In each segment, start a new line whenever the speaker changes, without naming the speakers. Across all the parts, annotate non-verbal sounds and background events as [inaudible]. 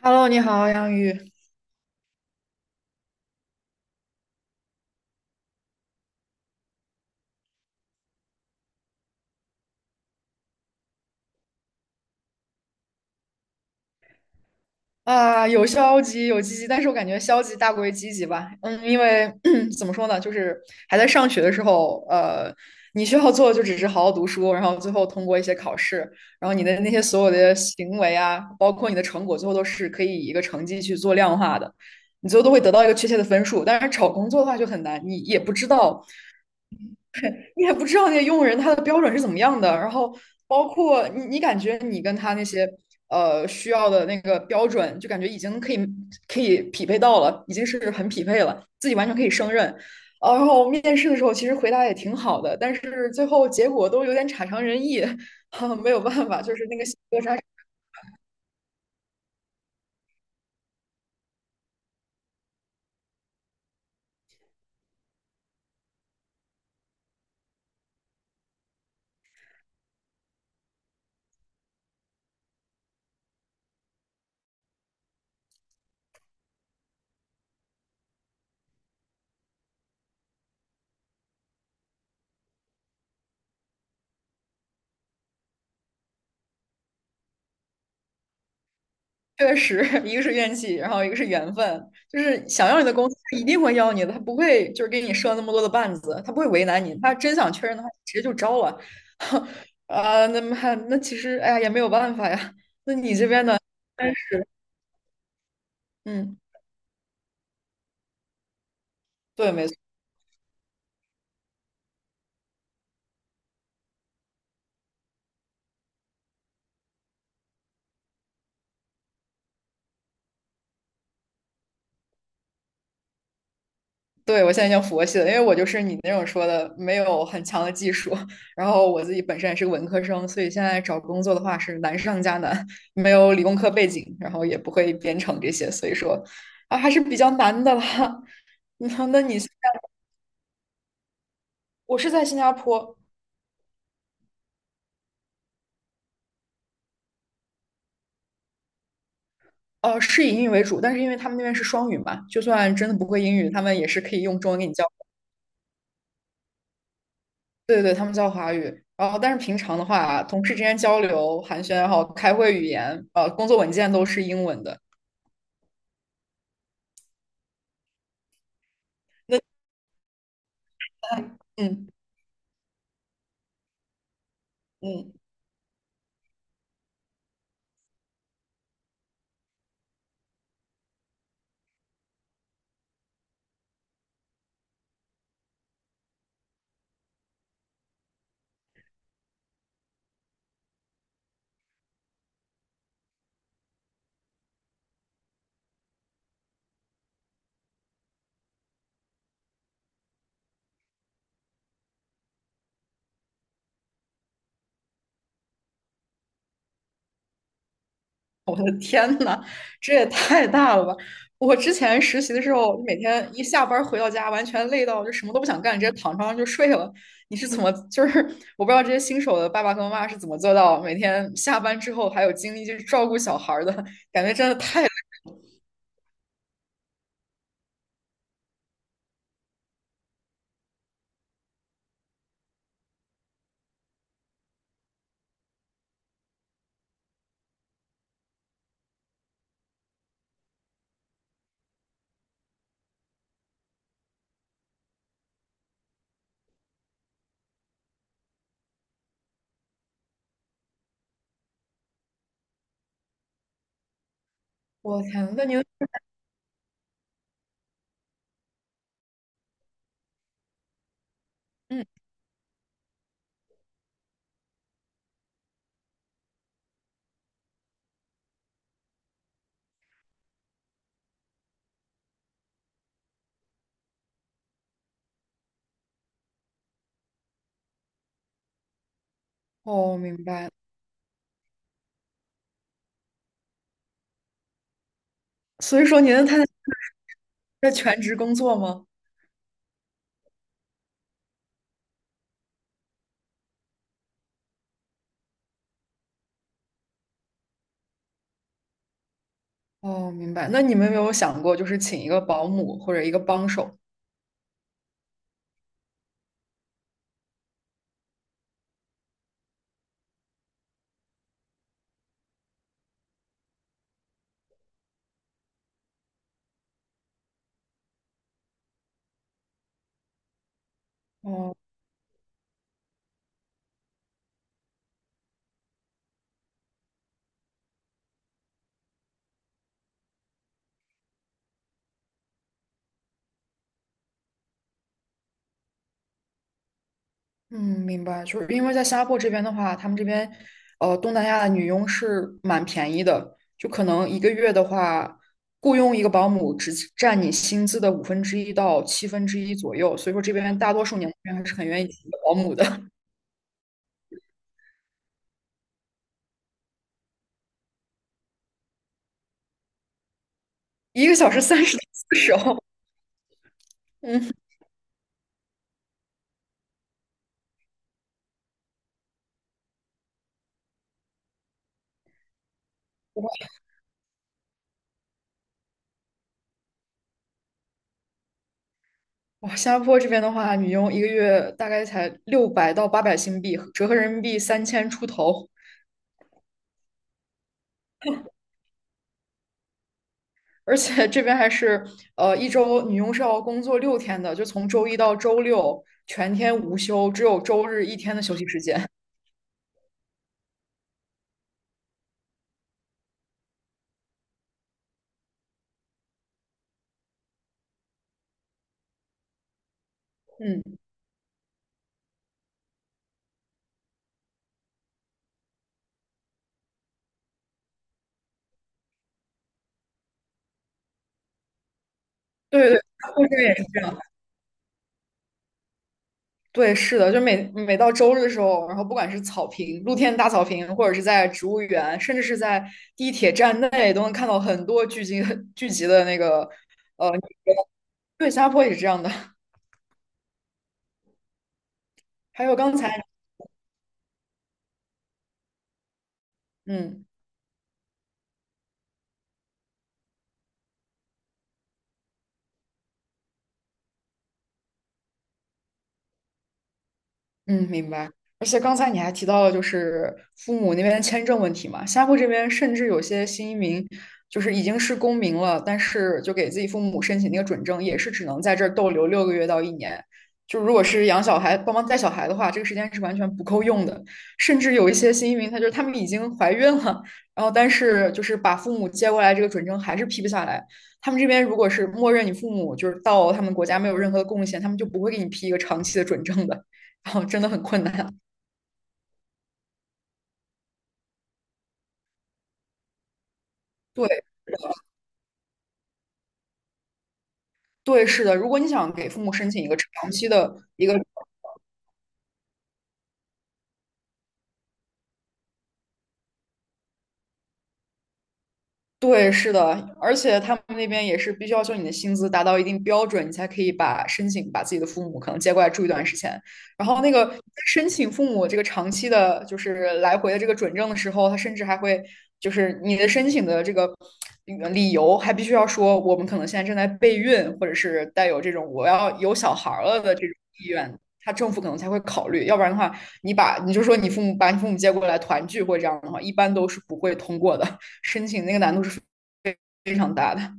Hello，你好，杨宇。啊，有消极，有积极，但是我感觉消极大过于积极吧。嗯，因为 [clears throat] 怎么说呢，就是还在上学的时候，你需要做的就只是好好读书，然后最后通过一些考试，然后你的那些所有的行为啊，包括你的成果，最后都是可以以一个成绩去做量化的，你最后都会得到一个确切的分数。但是找工作的话就很难，你也不知道那些用人他的标准是怎么样的，然后包括你感觉你跟他那些需要的那个标准，就感觉已经可以匹配到了，已经是很匹配了，自己完全可以胜任。然后面试的时候其实回答也挺好的，但是最后结果都有点差强人意，[laughs] 没有办法，就是那个落差确实，[laughs] 一个是怨气，然后一个是缘分，就是想要你的公司，他一定会要你的，他不会就是给你设那么多的绊子，他不会为难你，他真想确认的话，直接就招了。[laughs] 啊，那么还那其实哎呀也没有办法呀，那你这边呢？但是嗯，对，没错。对，我现在已经佛系了，因为我就是你那种说的，没有很强的技术，然后我自己本身也是个文科生，所以现在找工作的话是难上加难，没有理工科背景，然后也不会编程这些，所以说啊还是比较难的了。[laughs] 那你现在我是在新加坡，是以英语为主，但是因为他们那边是双语嘛，就算真的不会英语，他们也是可以用中文给你教。对对对，他们教华语。然后，但是平常的话，同事之间交流、寒暄，然后开会语言，工作文件都是英文的。那嗯嗯，我的 [laughs] 天呐，这也太大了吧！我之前实习的时候，每天一下班儿回到家，完全累到就什么都不想干，直接躺床上就睡了。你是怎么，就是我不知道这些新手的爸爸和妈妈是怎么做到每天下班之后还有精力去照顾小孩儿的，感觉真的太累。我的天，那您，嗯，哦，明白。所以说您的太太在全职工作吗？哦，明白。那你们有没有想过，就是请一个保姆或者一个帮手？哦。嗯，明白，就是因为在新加坡这边的话，他们这边，东南亚的女佣是蛮便宜的，就可能一个月的话，雇佣一个保姆只占你薪资的五分之一到七分之一左右，所以说这边大多数年轻人还是很愿意请一个保姆的，[laughs] 一个小时30到40欧。[laughs] 嗯，哇，新加坡这边的话，女佣一个月大概才600到800新币，折合人民币3000出头。而且这边还是一周女佣是要工作6天的，就从周一到周六全天无休，只有周日一天的休息时间。嗯，对对，对对，是的，就每每到周日的时候，然后不管是草坪、露天大草坪，或者是在植物园，甚至是在地铁站内，都能看到很多聚集的那个呃，对，新加坡也是这样的。还有刚才，嗯。嗯，明白。而且刚才你还提到了，就是父母那边签证问题嘛，新加坡这边甚至有些新移民，就是已经是公民了，但是就给自己父母申请那个准证，也是只能在这儿逗留6个月到1年。就如果是养小孩、帮忙带小孩的话，这个时间是完全不够用的。甚至有一些新移民，他就是他们已经怀孕了，然后但是就是把父母接过来，这个准证还是批不下来。他们这边如果是默认你父母就是到他们国家没有任何的贡献，他们就不会给你批一个长期的准证的。然后真的很困难。对，对，是的。如果你想给父母申请一个长期的一个对，是的，而且他们那边也是必须要求你的薪资达到一定标准，你才可以把申请把自己的父母可能接过来住一段时间。然后那个申请父母这个长期的，就是来回的这个准证的时候，他甚至还会就是你的申请的这个理由还必须要说我们可能现在正在备孕，或者是带有这种我要有小孩儿了的这种意愿，他政府可能才会考虑。要不然的话，你把你就说你父母把你父母接过来团聚或者这样的话，一般都是不会通过的。申请那个难度是非常大的。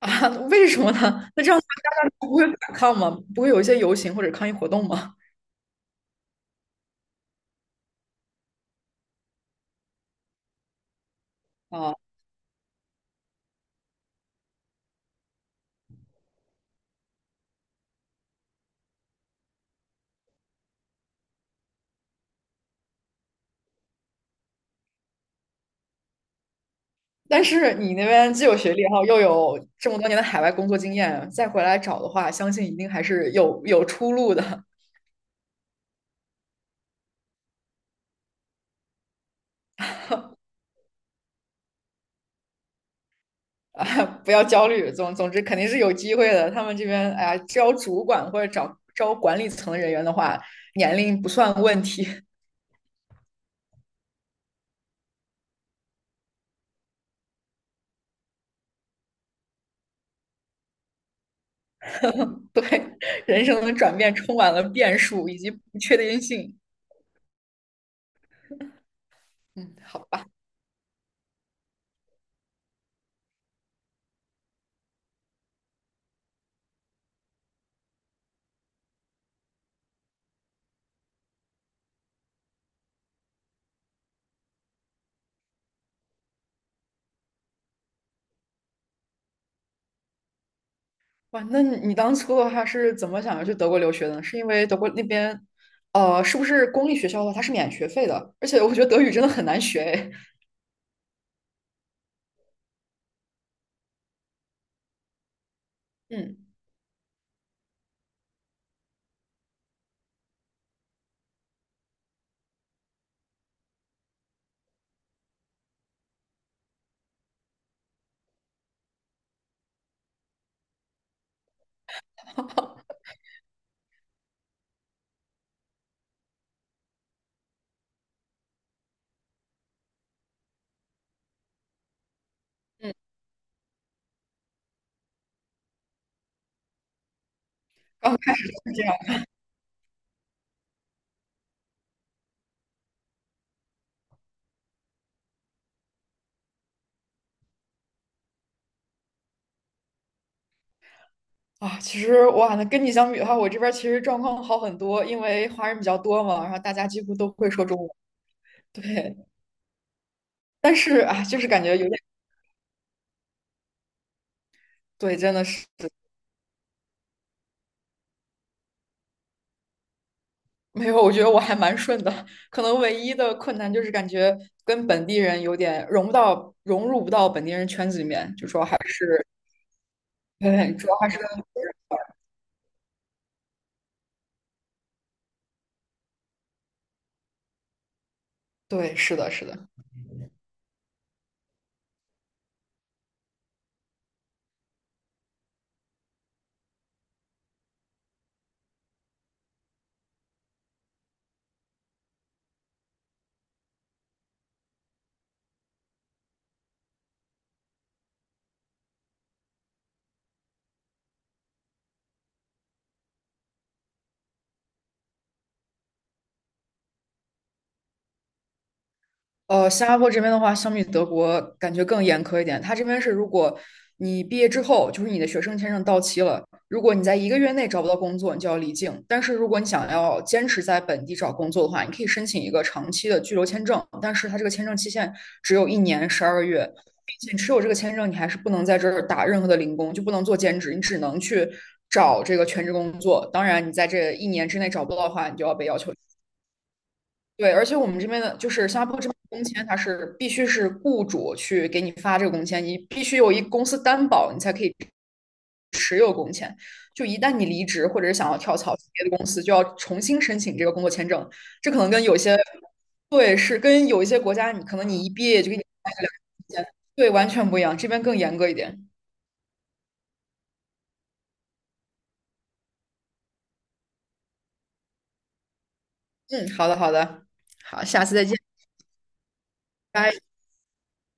啊！为什么呢？那这样大家不会反抗吗？不会有一些游行或者抗议活动吗？啊！但是你那边既有学历，然后又有这么多年的海外工作经验，再回来找的话，相信一定还是有有出路的。啊！不要焦虑，总之肯定是有机会的。他们这边哎呀，招主管或者找招管理层的人员的话，年龄不算问题。[laughs] 对，人生的转变充满了变数以及不确定性。嗯，好吧。哇，那你当初的话是怎么想要去德国留学的呢？是因为德国那边，是不是公立学校的话它是免学费的？而且我觉得德语真的很难学诶。[laughs] 嗯嗯，[laughs] 刚开始就是这样啊。其实哇，那跟你相比的话，我这边其实状况好很多，因为华人比较多嘛，然后大家几乎都会说中文。对，但是啊，就是感觉有点对，真的是。没有，我觉得我还蛮顺的，可能唯一的困难就是感觉跟本地人有点融不到、融入不到本地人圈子里面，就说还是，对，主要还是跟，对，是的，是的。新加坡这边的话，相比德国感觉更严苛一点。它这边是，如果你毕业之后，就是你的学生签证到期了，如果你在一个月内找不到工作，你就要离境。但是如果你想要坚持在本地找工作的话，你可以申请一个长期的居留签证，但是它这个签证期限只有1年12个月，并且持有这个签证，你还是不能在这儿打任何的零工，就不能做兼职，你只能去找这个全职工作。当然，你在这一年之内找不到的话，你就要被要求。对，而且我们这边的就是新加坡这边的工签，它是必须是雇主去给你发这个工签，你必须有一公司担保，你才可以。就一旦你离职或者是想要跳槽去别的公司，就要重新申请这个工作签证。这可能跟有些对是跟有一些国家，你可能你一毕业就给你发个2年工签，对，完全不一样，这边更严格一点。嗯，好的，好的，好，下次再见，拜。